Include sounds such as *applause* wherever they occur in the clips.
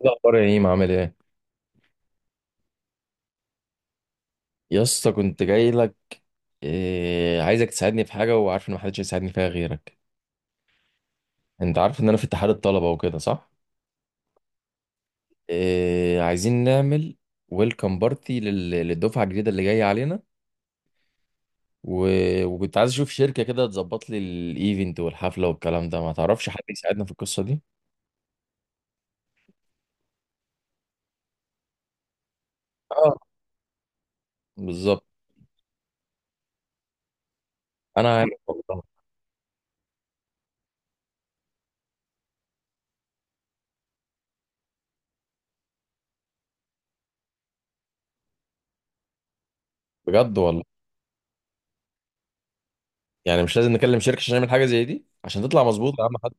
إيه الاخبار يا ايم؟ عامل ايه؟ يا اسطى كنت جاي لك. إيه عايزك تساعدني في حاجه، وعارف ان محدش هيساعدني فيها غيرك. انت عارف ان انا في اتحاد الطلبه وكده صح؟ إيه عايزين نعمل ويلكم بارتي للدفعه الجديده اللي جايه علينا، و... وكنت عايز اشوف شركه كده تظبط لي الايفنت والحفله والكلام ده. ما تعرفش حد يساعدنا في القصه دي؟ اه، بالظبط. انا عارف والله. بجد والله؟ يعني مش لازم نكلم شركه عشان نعمل حاجه زي دي عشان تطلع مظبوط يا عم حد؟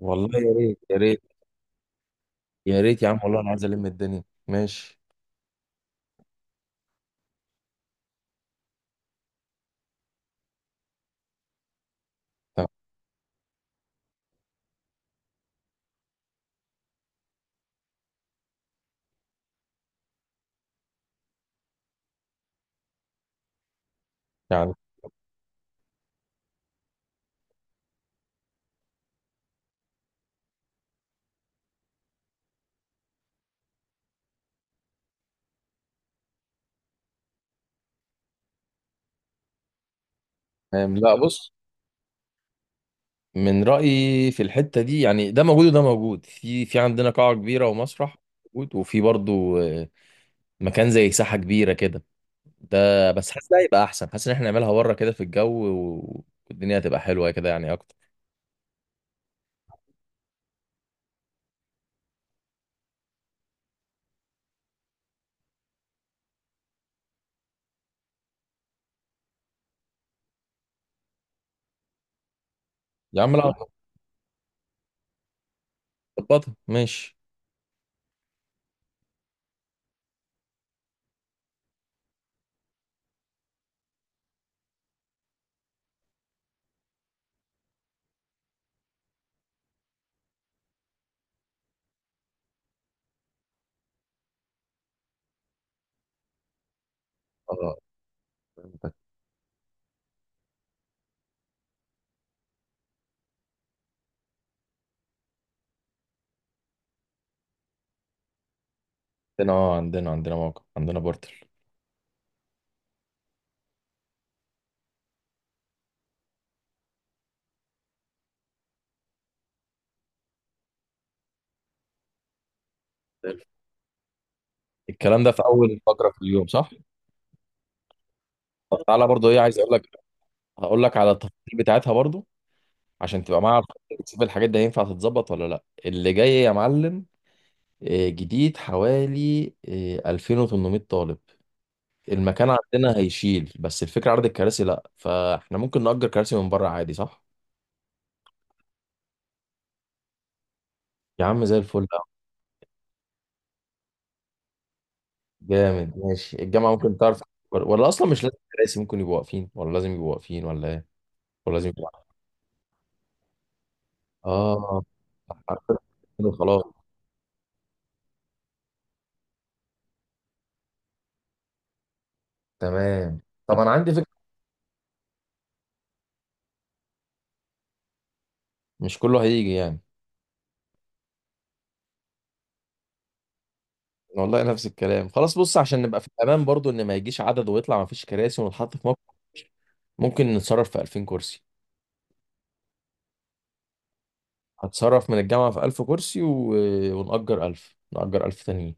والله يا ريت، يا ريت. يا ريت يا عم والله، انا عايز الم الدنيا ماشي. تمام يا عم. تمام. لا، بص، من رأيي في الحتة دي، يعني ده موجود وده موجود، في عندنا قاعة كبيرة ومسرح موجود، وفي برضو مكان زي ساحة كبيرة كده. ده بس حاسس ده هيبقى احسن، حاسس ان احنا نعملها بره كده في الجو والدنيا هتبقى حلوة كده يعني اكتر. يا عم لا، ظبطها ماشي. اه، فهمتك. عندنا، اه، عندنا موقع، عندنا بورتل. الكلام ده في اول فقرة في اليوم صح؟ طب تعالى برضو، ايه عايز اقول لك، هقول لك على التفاصيل بتاعتها برضو عشان تبقى معايا على الخط تشوف الحاجات دي هينفع تتظبط ولا لا اللي جاي يا معلم. آه، جديد حوالي 2,800 طالب. المكان عندنا هيشيل، بس الفكرة عدد الكراسي لا، فاحنا ممكن نأجر كراسي من بره عادي صح؟ يا عم زي الفل. جامد ماشي. الجامعة ممكن تعرف؟ ولا اصلا مش لازم كراسي، ممكن يبقوا واقفين، ولا لازم يبقوا واقفين ولا ايه؟ ولا لازم يبقوا؟ اه. *laughs* خلاص. تمام. طب انا عندي فكرة. مش كله هيجي يعني. والله نفس الكلام. خلاص بص، عشان نبقى في الامان برضو ان ما يجيش عدد ويطلع ما فيش كراسي ونتحط في موقف، ممكن نتصرف في 2000 كرسي. هتصرف من الجامعة في 1000 كرسي ونأجر 1000، نأجر 1000 تانيين.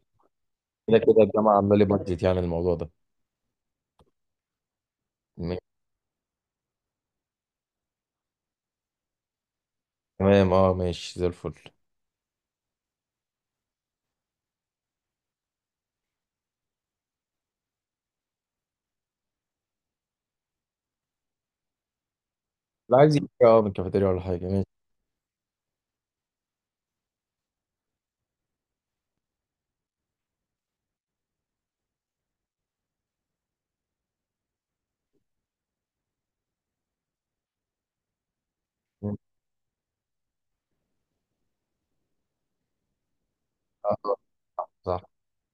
كده كده الجامعة عاملة لي بادجت يعني الموضوع ده. م- تمام، اه، ماشي زي الفل. لا عايز يجي، اه، من كافيتيريا ولا حاجة، ماشي. م- آه، صح.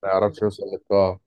ما يعرفش يوصل للقاعة.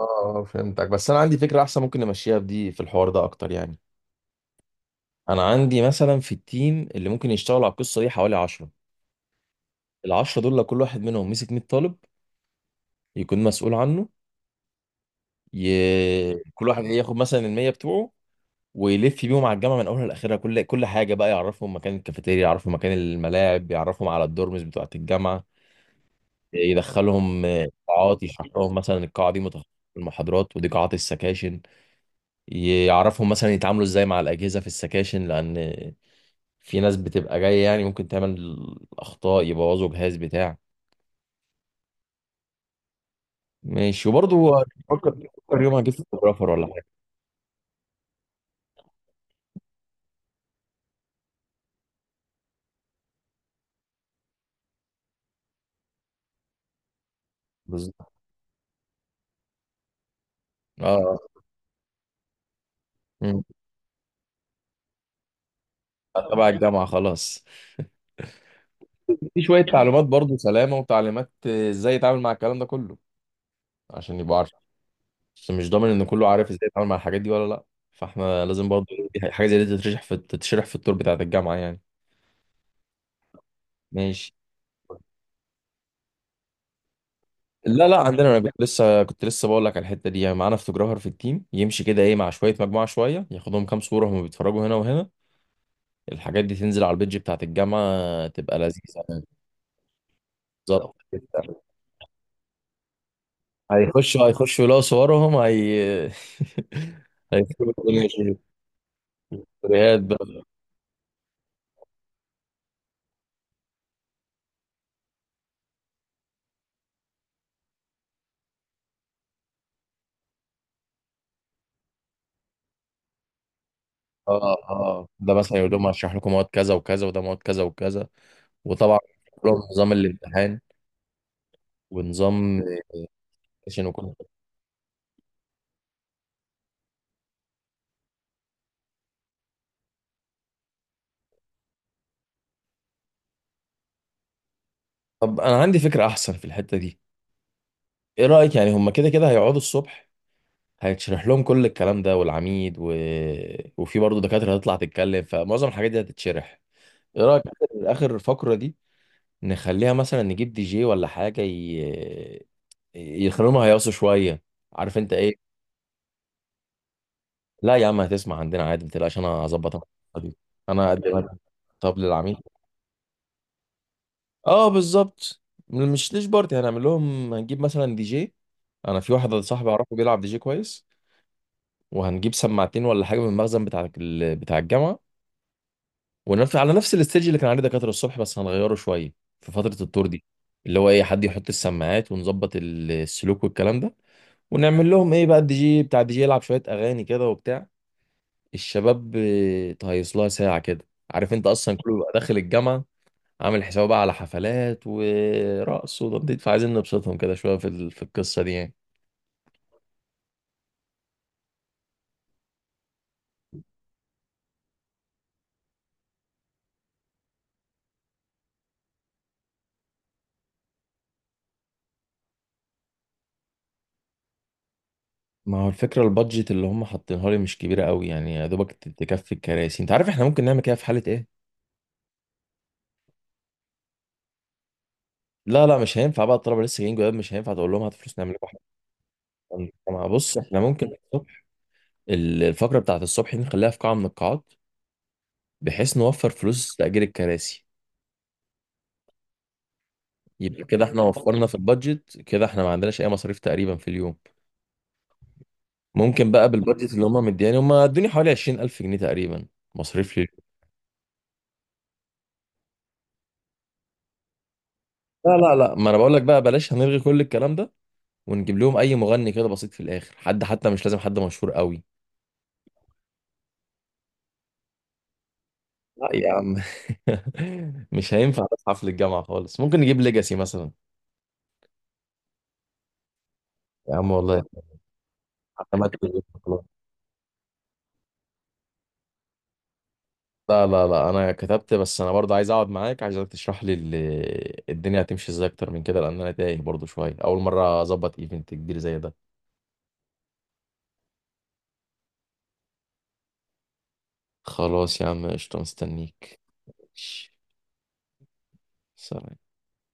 اه، فهمتك، بس انا عندي فكرة احسن ممكن نمشيها بدي في الحوار ده اكتر يعني. انا عندي مثلا في التيم اللي ممكن يشتغلوا على القصة دي حوالي 10. العشرة دول لو كل واحد منهم مسك 100 طالب يكون مسؤول عنه، كل واحد ياخد مثلا المية بتوعه ويلف بيهم على الجامعة من أولها لآخرها، كل حاجة بقى، يعرفهم مكان الكافيتيريا، يعرفهم مكان الملاعب، يعرفهم على الدورمز بتوعة الجامعة، يدخلهم قاعات، يشرح لهم مثلا القاعة دي متخصصة في المحاضرات ودي قاعات السكاشن. يعرفهم مثلا يتعاملوا ازاي مع الأجهزة في السكاشن، لأن في ناس بتبقى جاية يعني ممكن تعمل أخطاء يبوظوا جهاز بتاع. ماشي. فكر يوم هجيب فوتوغرافر ولا؟ بالظبط. اه. مم. تبع الجامعة خلاص. في شوية تعليمات برضو سلامة وتعليمات، آه، ازاي يتعامل مع الكلام ده كله عشان يبقى عارف. بس مش ضامن ان كله عارف ازاي يتعامل مع الحاجات دي ولا لا، فاحنا لازم برضو، إيه، دي حاجة زي دي تتشرح في التور بتاعة الجامعة يعني. ماشي. لا لا، عندنا، انا كنت لسه، كنت لسه بقول لك على الحتة دي يعني. معانا فوتوجرافر في التيم يمشي كده ايه مع شوية، مجموعة شوية، ياخدهم كام صورة هم بيتفرجوا هنا وهنا. الحاجات دي تنزل على البيدج بتاعة الجامعة تبقى لذيذة يعني. بالظبط. هيخشوا يلاقوا صورهم هي. *laughs* هيكتبوا الدنيا في الستوريات بقى. اه. اه ده مثلا يقول لهم هشرح لكم مواد كذا وكذا وده مواد كذا وكذا. وطبعا لهم نظام الامتحان ونظام عشان، وكل. طب انا عندي فكره احسن في الحته دي. ايه رايك؟ يعني هم كده كده هيقعدوا الصبح، هيتشرح لهم كل الكلام ده، والعميد وفي برضه دكاتره هتطلع تتكلم، فمعظم الحاجات دي هتتشرح. ايه رايك آخر الفقره دي نخليها مثلا نجيب دي جي ولا حاجه، يخلوهم هيقصوا شويه، عارف انت ايه. لا يا عم هتسمع عندنا عادي، ما تقلقش، انا هظبط انا القصة دي. أنا اقدم. طب للعميل. اه بالظبط. مش ليش بارتي هنعمل لهم، هنجيب مثلا دي جي. انا في واحد صاحبي اعرفه بيلعب دي جي كويس. وهنجيب سماعتين ولا حاجه من المخزن بتاع بتاع الجامعه، ونفس على نفس الاستيج اللي كان عليه دكاتره الصبح بس هنغيره شويه في فتره التور دي، اللي هو ايه، حد يحط السماعات ونظبط السلوك والكلام ده. ونعمل لهم ايه بقى، الدي جي بتاع الدي جي يلعب شويه اغاني كده وبتاع، الشباب، آه، تهيص لها ساعة كده. عارف انت اصلا كله بيبقى داخل الجامعة عامل حسابه بقى على حفلات ورقص وتنطيط، فعايزين نبسطهم كده شوية في في القصة دي يعني. ما هو الفكرة البادجت اللي هم حاطينها لي مش كبيرة قوي يعني، يا دوبك تكفي الكراسي. انت عارف احنا ممكن نعمل كده في حالة ايه؟ لا لا مش هينفع بقى، الطلبة لسه جايين، جواب مش هينفع تقول لهم هات فلوس نعمل لكم حاجة. بص احنا ممكن الصبح، الفقرة بتاعت الصبح دي نخليها في قاعة من القاعات بحيث نوفر فلوس تأجير الكراسي. يبقى كده احنا وفرنا في البادجت، كده احنا ما عندناش اي مصاريف تقريبا في اليوم. ممكن بقى بالبادجت اللي هم مدياني، هم ادوني حوالي 20,000 جنيه تقريبا مصاريف لي. لا لا لا، ما انا بقول لك بقى، بلاش هنلغي كل الكلام ده، ونجيب لهم اي مغني كده بسيط في الاخر، حد حتى مش لازم حد مشهور قوي. لا يا عم. *laughs* مش هينفع في حفل الجامعة خالص، ممكن نجيب ليجاسي مثلا. يا عم والله. حفلات. لا لا لا، انا كتبت، بس انا برضه عايز اقعد معاك، عايزك تشرح لي الدنيا هتمشي ازاي اكتر من كده لان انا تايه برضه شويه، اول مره اظبط ايفنت كبير زي ده. خلاص يا عم قشطه، مستنيك. ماشي. سلام.